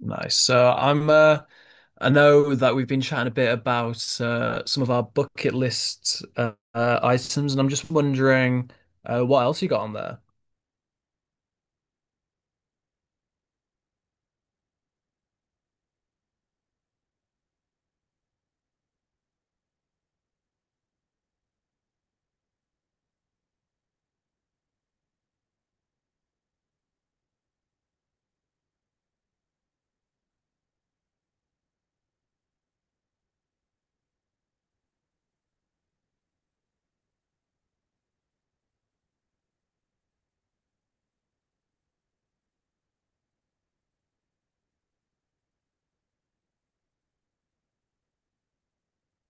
Nice. I know that we've been chatting a bit about some of our bucket list items, and I'm just wondering what else you got on there?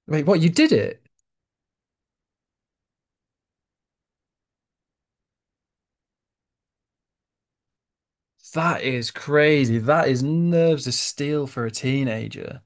Wait, what, you did it? That is crazy. That is nerves of steel for a teenager.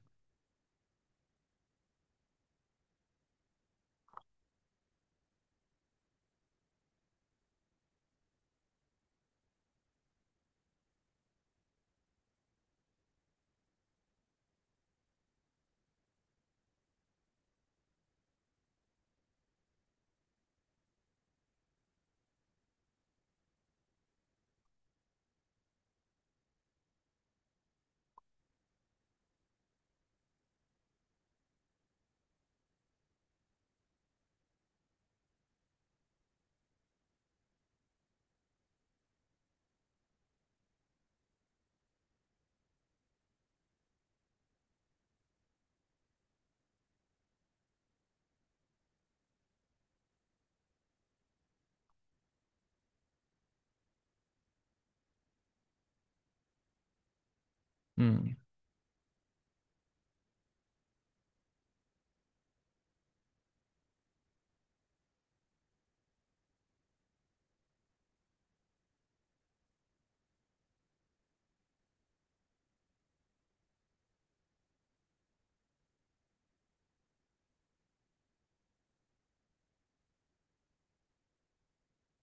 Hmm.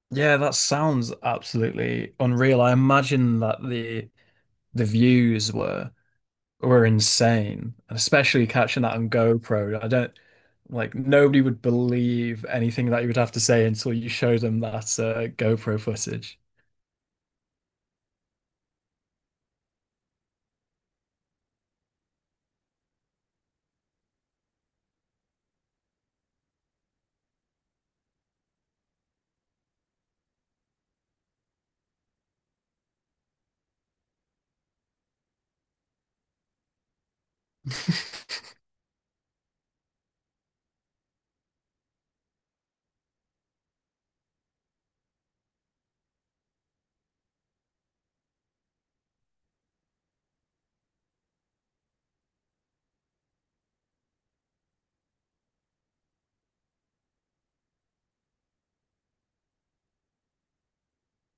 Yeah, that sounds absolutely unreal. I imagine that the views were insane, especially catching that on GoPro. I don't Like, nobody would believe anything that you would have to say until you show them that GoPro footage.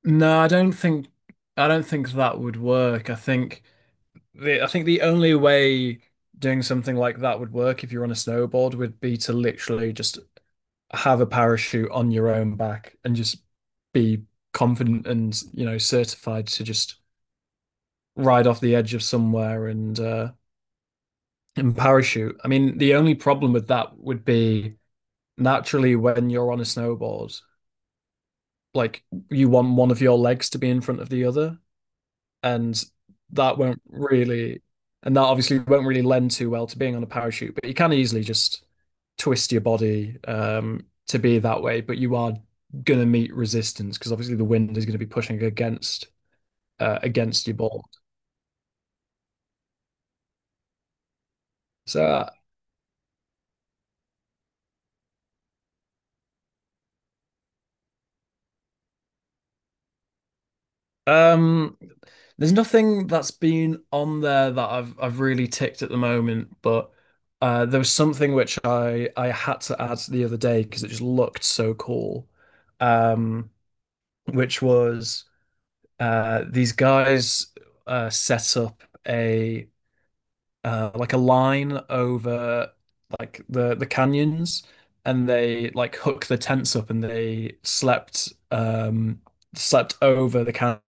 No, I don't think that would work. I think the only way doing something like that would work if you're on a snowboard would be to literally just have a parachute on your own back and just be confident and, you know, certified to just ride off the edge of somewhere and parachute. I mean, the only problem with that would be, naturally, when you're on a snowboard, like, you want one of your legs to be in front of the other, and that won't really, and that obviously won't really lend too well to being on a parachute. But you can easily just twist your body to be that way, but you are gonna meet resistance because obviously the wind is going to be pushing against against your board. So Um, there's nothing that's been on there that I've really ticked at the moment, but there was something which I had to add the other day because it just looked so cool. Um, which was these guys set up a like a line over like the canyons, and they like hook the tents up and they slept slept over the canyons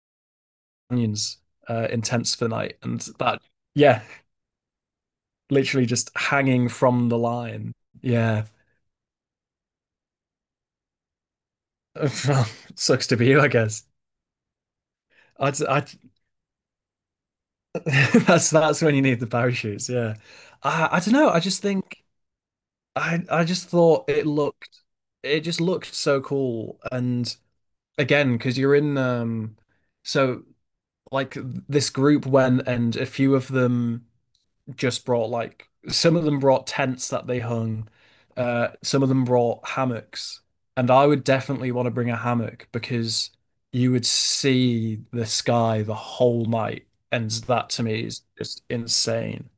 Canyon's Intense for the night, and that, yeah, literally just hanging from the line. Yeah. Well, sucks to be you, I guess. I that's when you need the parachutes. Yeah, I don't know. I just think I just thought it looked, it just looked so cool, and again, because you're in so, like, this group went, and a few of them just brought, like, some of them brought tents that they hung, some of them brought hammocks, and I would definitely want to bring a hammock because you would see the sky the whole night, and that to me is just insane.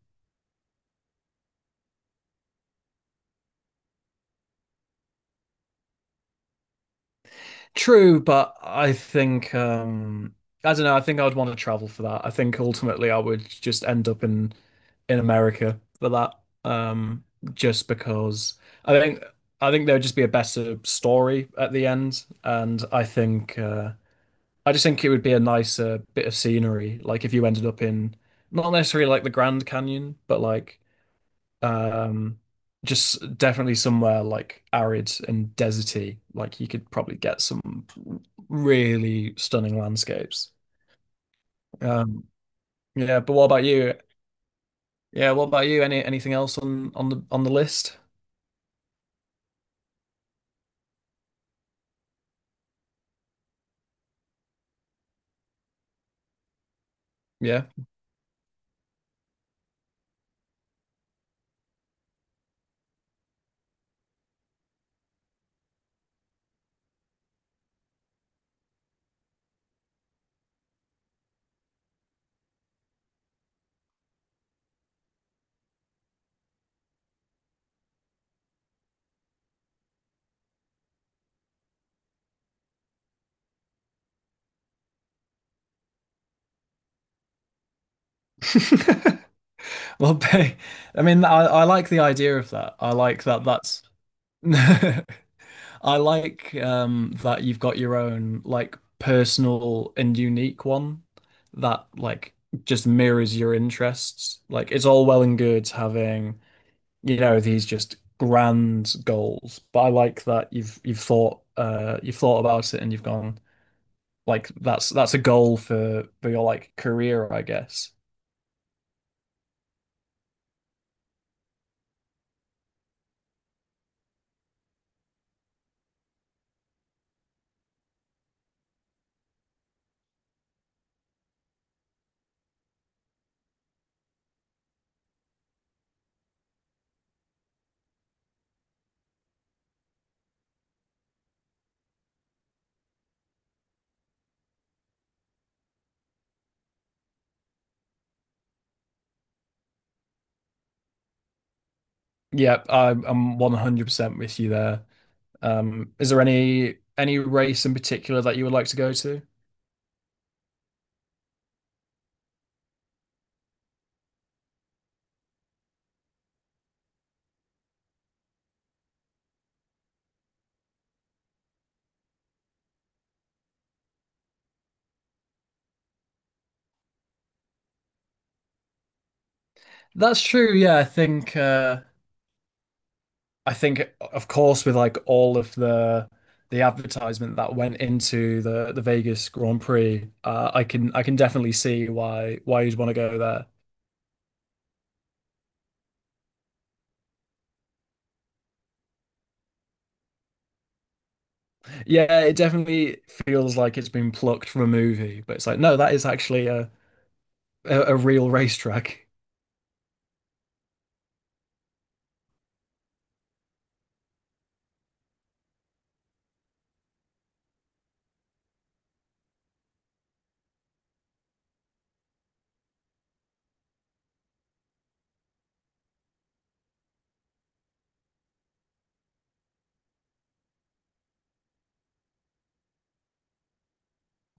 True, but I think I don't know, I think I would want to travel for that. I think ultimately I would just end up in America for that. Um just because I think I think there would just be a better story at the end, and I think I just think it would be a nicer bit of scenery, like if you ended up in, not necessarily like the Grand Canyon, but like um, just definitely somewhere like arid and deserty. Like, you could probably get some really stunning landscapes. Um, yeah, but what about you? Yeah, what about you? Anything else on on the list? Yeah. Well, I mean, I like the idea of that. I like that that's I like that you've got your own, like, personal and unique one that, like, just mirrors your interests. Like, it's all well and good having, you know, these just grand goals, but I like that you've thought about it and you've gone, like, that's a goal for your like career, I guess. Yeah, I'm 100% with you there. Is there any race in particular that you would like to go to? That's true. Yeah, I think I think, of course, with like all of the advertisement that went into the Vegas Grand Prix, I can definitely see why you'd want to go there. Yeah, it definitely feels like it's been plucked from a movie, but it's like, no, that is actually a real racetrack.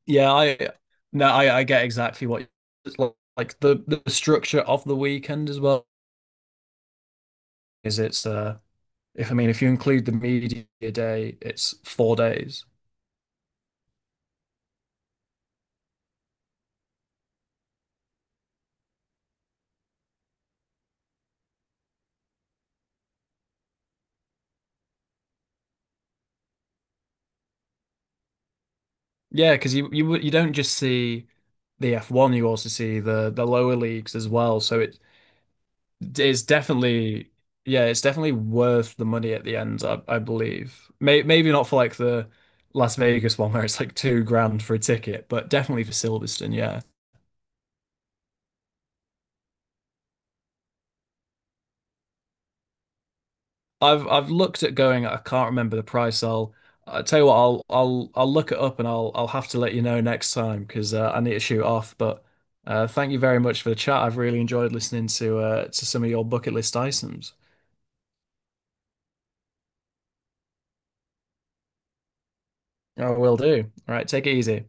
Yeah, I no, I get exactly what it's like. Like, the structure of the weekend as well is, it's if, I mean, if you include the media day, it's 4 days. Yeah, because you don't just see the F1, you also see the lower leagues as well. So it's definitely, yeah, it's definitely worth the money at the end, I believe. Maybe not for like the Las Vegas one where it's like 2 grand for a ticket, but definitely for Silverstone, yeah. I've looked at going. I can't remember the price. I tell you what. I'll look it up and I'll have to let you know next time because I need to shoot off. But thank you very much for the chat. I've really enjoyed listening to some of your bucket list items. I will do. All right, take it easy.